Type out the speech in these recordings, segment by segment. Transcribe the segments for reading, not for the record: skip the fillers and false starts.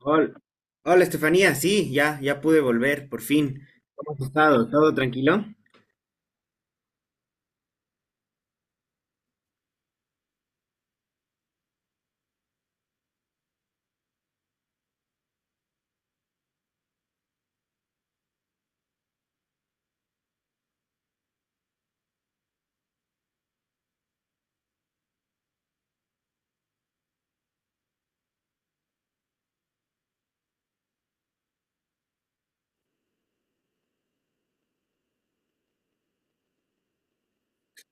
Hola, Estefanía, sí, ya pude volver, por fin. ¿Cómo has estado? ¿Todo tranquilo?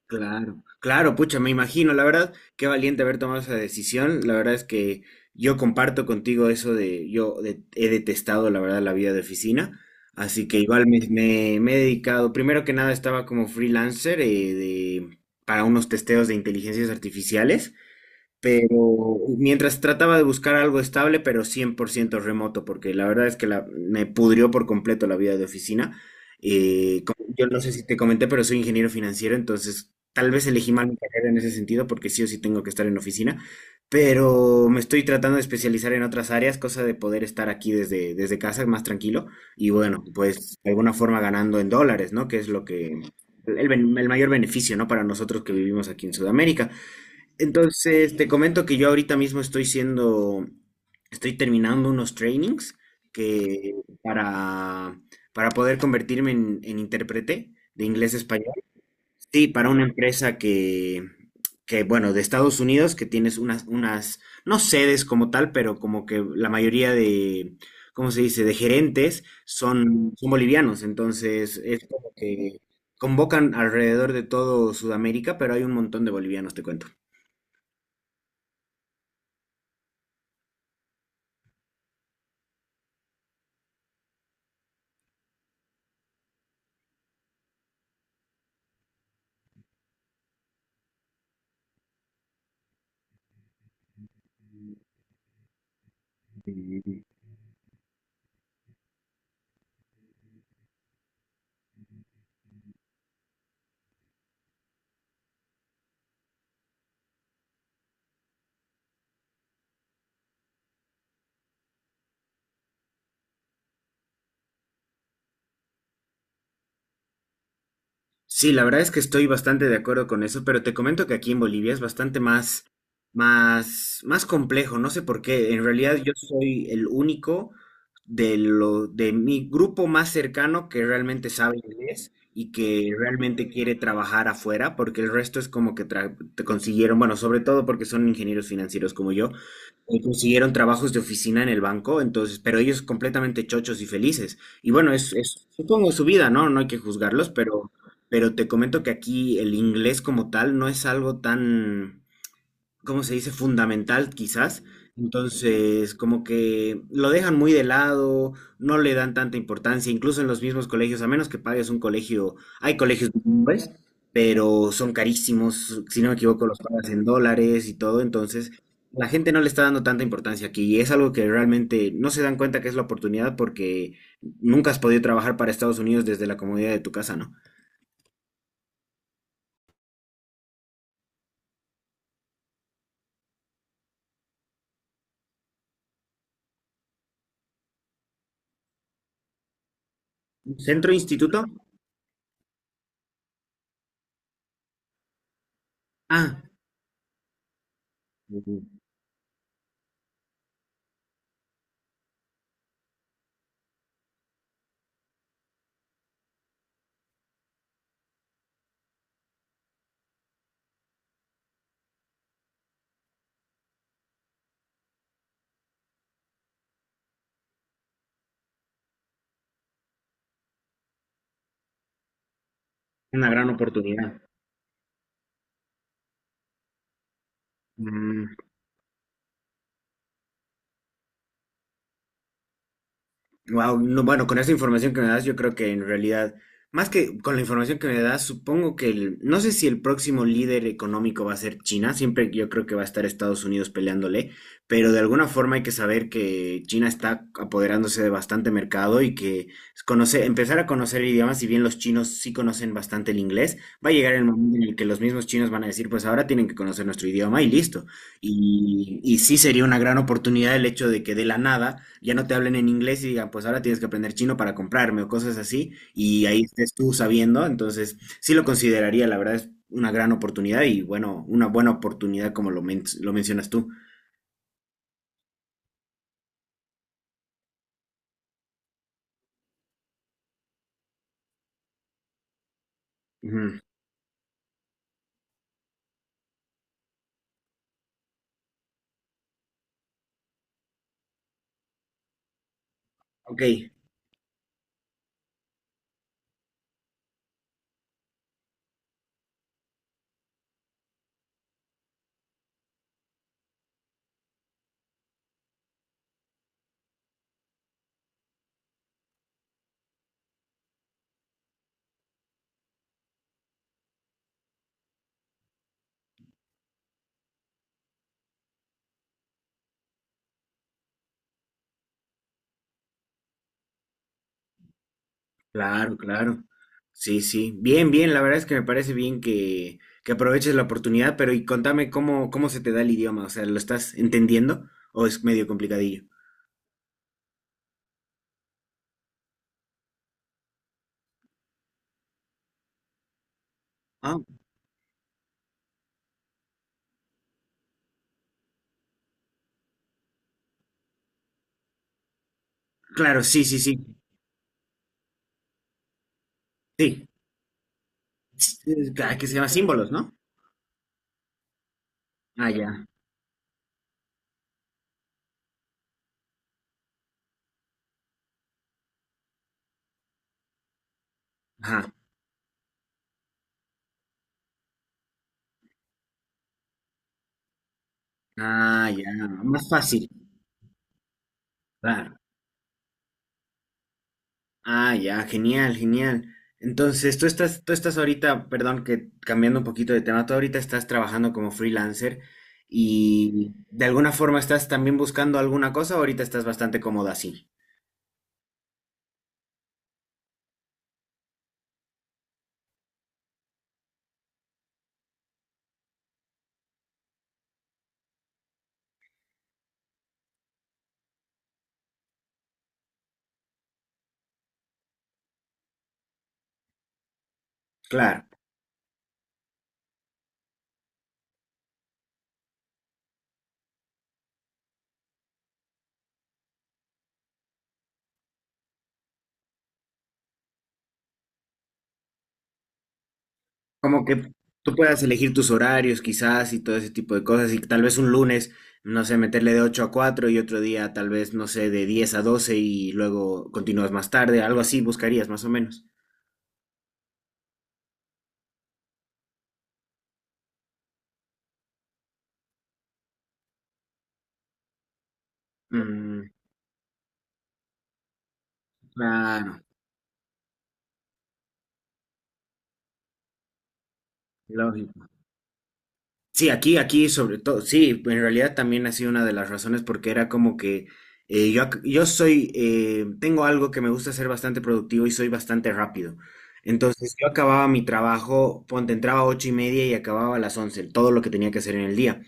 Claro, claro, pucha, me imagino, la verdad, qué valiente haber tomado esa decisión. La verdad es que yo comparto contigo eso de, he detestado, la verdad, la vida de oficina, así que igual me he dedicado, primero que nada estaba como freelancer para unos testeos de inteligencias artificiales, pero mientras trataba de buscar algo estable, pero 100% remoto, porque la verdad es que me pudrió por completo la vida de oficina. Yo no sé si te comenté, pero soy ingeniero financiero, entonces tal vez elegí mal mi carrera en ese sentido, porque sí o sí tengo que estar en oficina, pero me estoy tratando de especializar en otras áreas, cosa de poder estar aquí desde casa más tranquilo y bueno, pues de alguna forma ganando en dólares, ¿no? Que es lo que... el mayor beneficio, ¿no? Para nosotros que vivimos aquí en Sudamérica. Entonces, te comento que yo ahorita mismo estoy terminando unos trainings que para, para poder convertirme en intérprete de inglés a español. Sí, para una empresa que, bueno, de Estados Unidos, que tienes unas, no sedes como tal, pero como que la mayoría de, ¿cómo se dice?, de gerentes son bolivianos. Entonces, es como que convocan alrededor de todo Sudamérica, pero hay un montón de bolivianos, te cuento. Sí, la verdad es que estoy bastante de acuerdo con eso, pero te comento que aquí en Bolivia es bastante más, más complejo, no sé por qué. En realidad yo soy el único de mi grupo más cercano que realmente sabe inglés y que realmente quiere trabajar afuera, porque el resto es como que te consiguieron, bueno, sobre todo porque son ingenieros financieros como yo, consiguieron trabajos de oficina en el banco, entonces, pero ellos completamente chochos y felices. Y bueno, es supongo su vida, ¿no? No hay que juzgarlos, pero te comento que aquí el inglés como tal no es algo tan, ¿cómo se dice? Fundamental, quizás. Entonces, como que lo dejan muy de lado, no le dan tanta importancia, incluso en los mismos colegios, a menos que pagues un colegio, hay colegios bilingües, pero son carísimos, si no me equivoco, los pagas en dólares y todo, entonces la gente no le está dando tanta importancia aquí y es algo que realmente no se dan cuenta que es la oportunidad porque nunca has podido trabajar para Estados Unidos desde la comodidad de tu casa, ¿no? Centro instituto, ah, una gran oportunidad. Mm. Wow, no, bueno, con esta información que me das, yo creo que en realidad, más que con la información que me das, supongo que no sé si el próximo líder económico va a ser China, siempre yo creo que va a estar Estados Unidos peleándole, pero de alguna forma hay que saber que China está apoderándose de bastante mercado y que conocer, empezar a conocer idiomas, si bien los chinos sí conocen bastante el inglés, va a llegar el momento en el que los mismos chinos van a decir, pues ahora tienen que conocer nuestro idioma y listo. Y sí sería una gran oportunidad el hecho de que de la nada ya no te hablen en inglés y digan, pues ahora tienes que aprender chino para comprarme o cosas así, y ahí estés tú sabiendo. Entonces, sí lo consideraría, la verdad es una gran oportunidad y bueno, una buena oportunidad como lo mencionas tú. Ujú. Ok, claro, claro. Sí, sí. Bien, bien, la verdad es que me parece bien que aproveches la oportunidad, pero y contame cómo se te da el idioma, o sea, ¿lo estás entendiendo o es medio complicadillo? Ah, claro, sí, sí, sí. Sí, ah, ¿que se llama símbolos, ¿no? Ah, ya. Ajá. Ah, ya. Más fácil. Claro. Ah, ya. Genial, genial. Entonces, tú estás ahorita, perdón, que cambiando un poquito de tema, tú ahorita estás trabajando como freelancer y de alguna forma estás también buscando alguna cosa o ahorita estás bastante cómodo así. Claro. Como que tú puedas elegir tus horarios quizás y todo ese tipo de cosas y tal vez un lunes, no sé, meterle de 8 a 4 y otro día tal vez, no sé, de 10 a 12 y luego continúas más tarde, algo así buscarías más o menos. Mm, claro, lógico. Sí, aquí sobre todo, sí, en realidad también ha sido una de las razones porque era como que yo soy, tengo algo que me gusta ser bastante productivo y soy bastante rápido. Entonces yo acababa mi trabajo, ponte, entraba a 8:30 y acababa a las 11, todo lo que tenía que hacer en el día.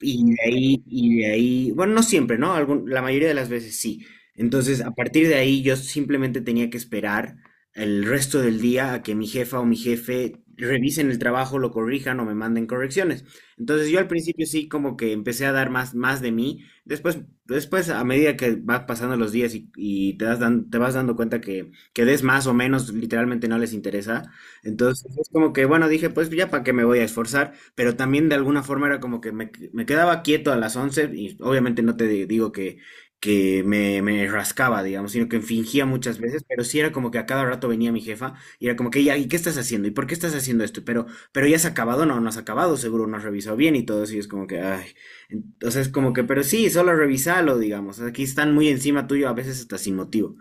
Y de ahí, bueno, no siempre, ¿no? Algún- la mayoría de las veces sí. Entonces, a partir de ahí, yo simplemente tenía que esperar el resto del día a que mi jefa o mi jefe revisen el trabajo, lo corrijan o me manden correcciones. Entonces, yo al principio sí como que empecé a dar más, más de mí. Después, después, a medida que van pasando los días y te vas dando cuenta que des más o menos, literalmente no les interesa. Entonces, es como que, bueno, dije, pues ya para qué me voy a esforzar pero también de alguna forma era como que me quedaba quieto a las 11 y obviamente no digo que me rascaba, digamos, sino que fingía muchas veces, pero sí era como que a cada rato venía mi jefa y era como que, ya, ¿y qué estás haciendo? ¿Y por qué estás haciendo esto? Pero ya has acabado, no, no has acabado, seguro no has revisado bien y todo eso y es como que, ay, entonces como que, pero sí, solo revisalo, digamos, aquí están muy encima tuyo, a veces hasta sin motivo.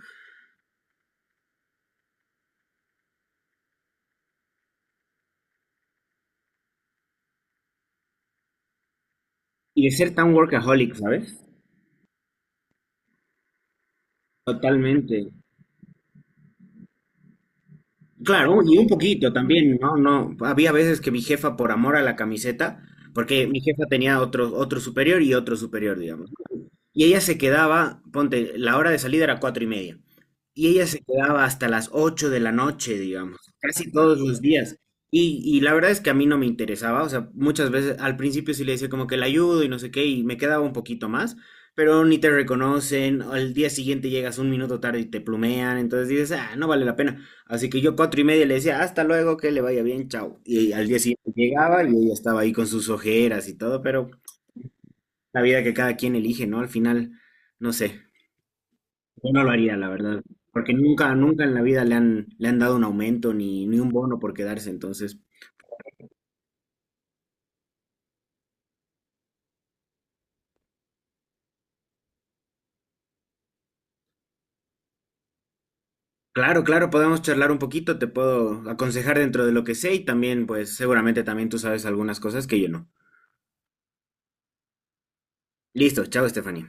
Y de ser tan workaholic, ¿sabes? Totalmente. Claro, y un poquito también, ¿no? No, había veces que mi jefa, por amor a la camiseta, porque mi jefa tenía otro, otro superior y otro superior, digamos. Y ella se quedaba, ponte, la hora de salida era 4:30. Y ella se quedaba hasta las 8 de la noche, digamos, casi todos los días. Y la verdad es que a mí no me interesaba, o sea, muchas veces al principio sí le decía como que la ayudo y no sé qué, y me quedaba un poquito más, pero ni te reconocen, al día siguiente llegas un minuto tarde y te plumean, entonces dices, ah, no vale la pena. Así que yo 4:30 le decía, hasta luego, que le vaya bien, chao. Y al día siguiente llegaba y ella estaba ahí con sus ojeras y todo, pero la vida que cada quien elige, ¿no? Al final, no sé, yo no lo haría, la verdad, porque nunca, nunca en la vida le han dado un aumento ni un bono por quedarse, entonces, claro, claro, podemos charlar un poquito, te puedo aconsejar dentro de lo que sé y también, pues, seguramente también tú sabes algunas cosas que yo no. Listo, chao, Stephanie.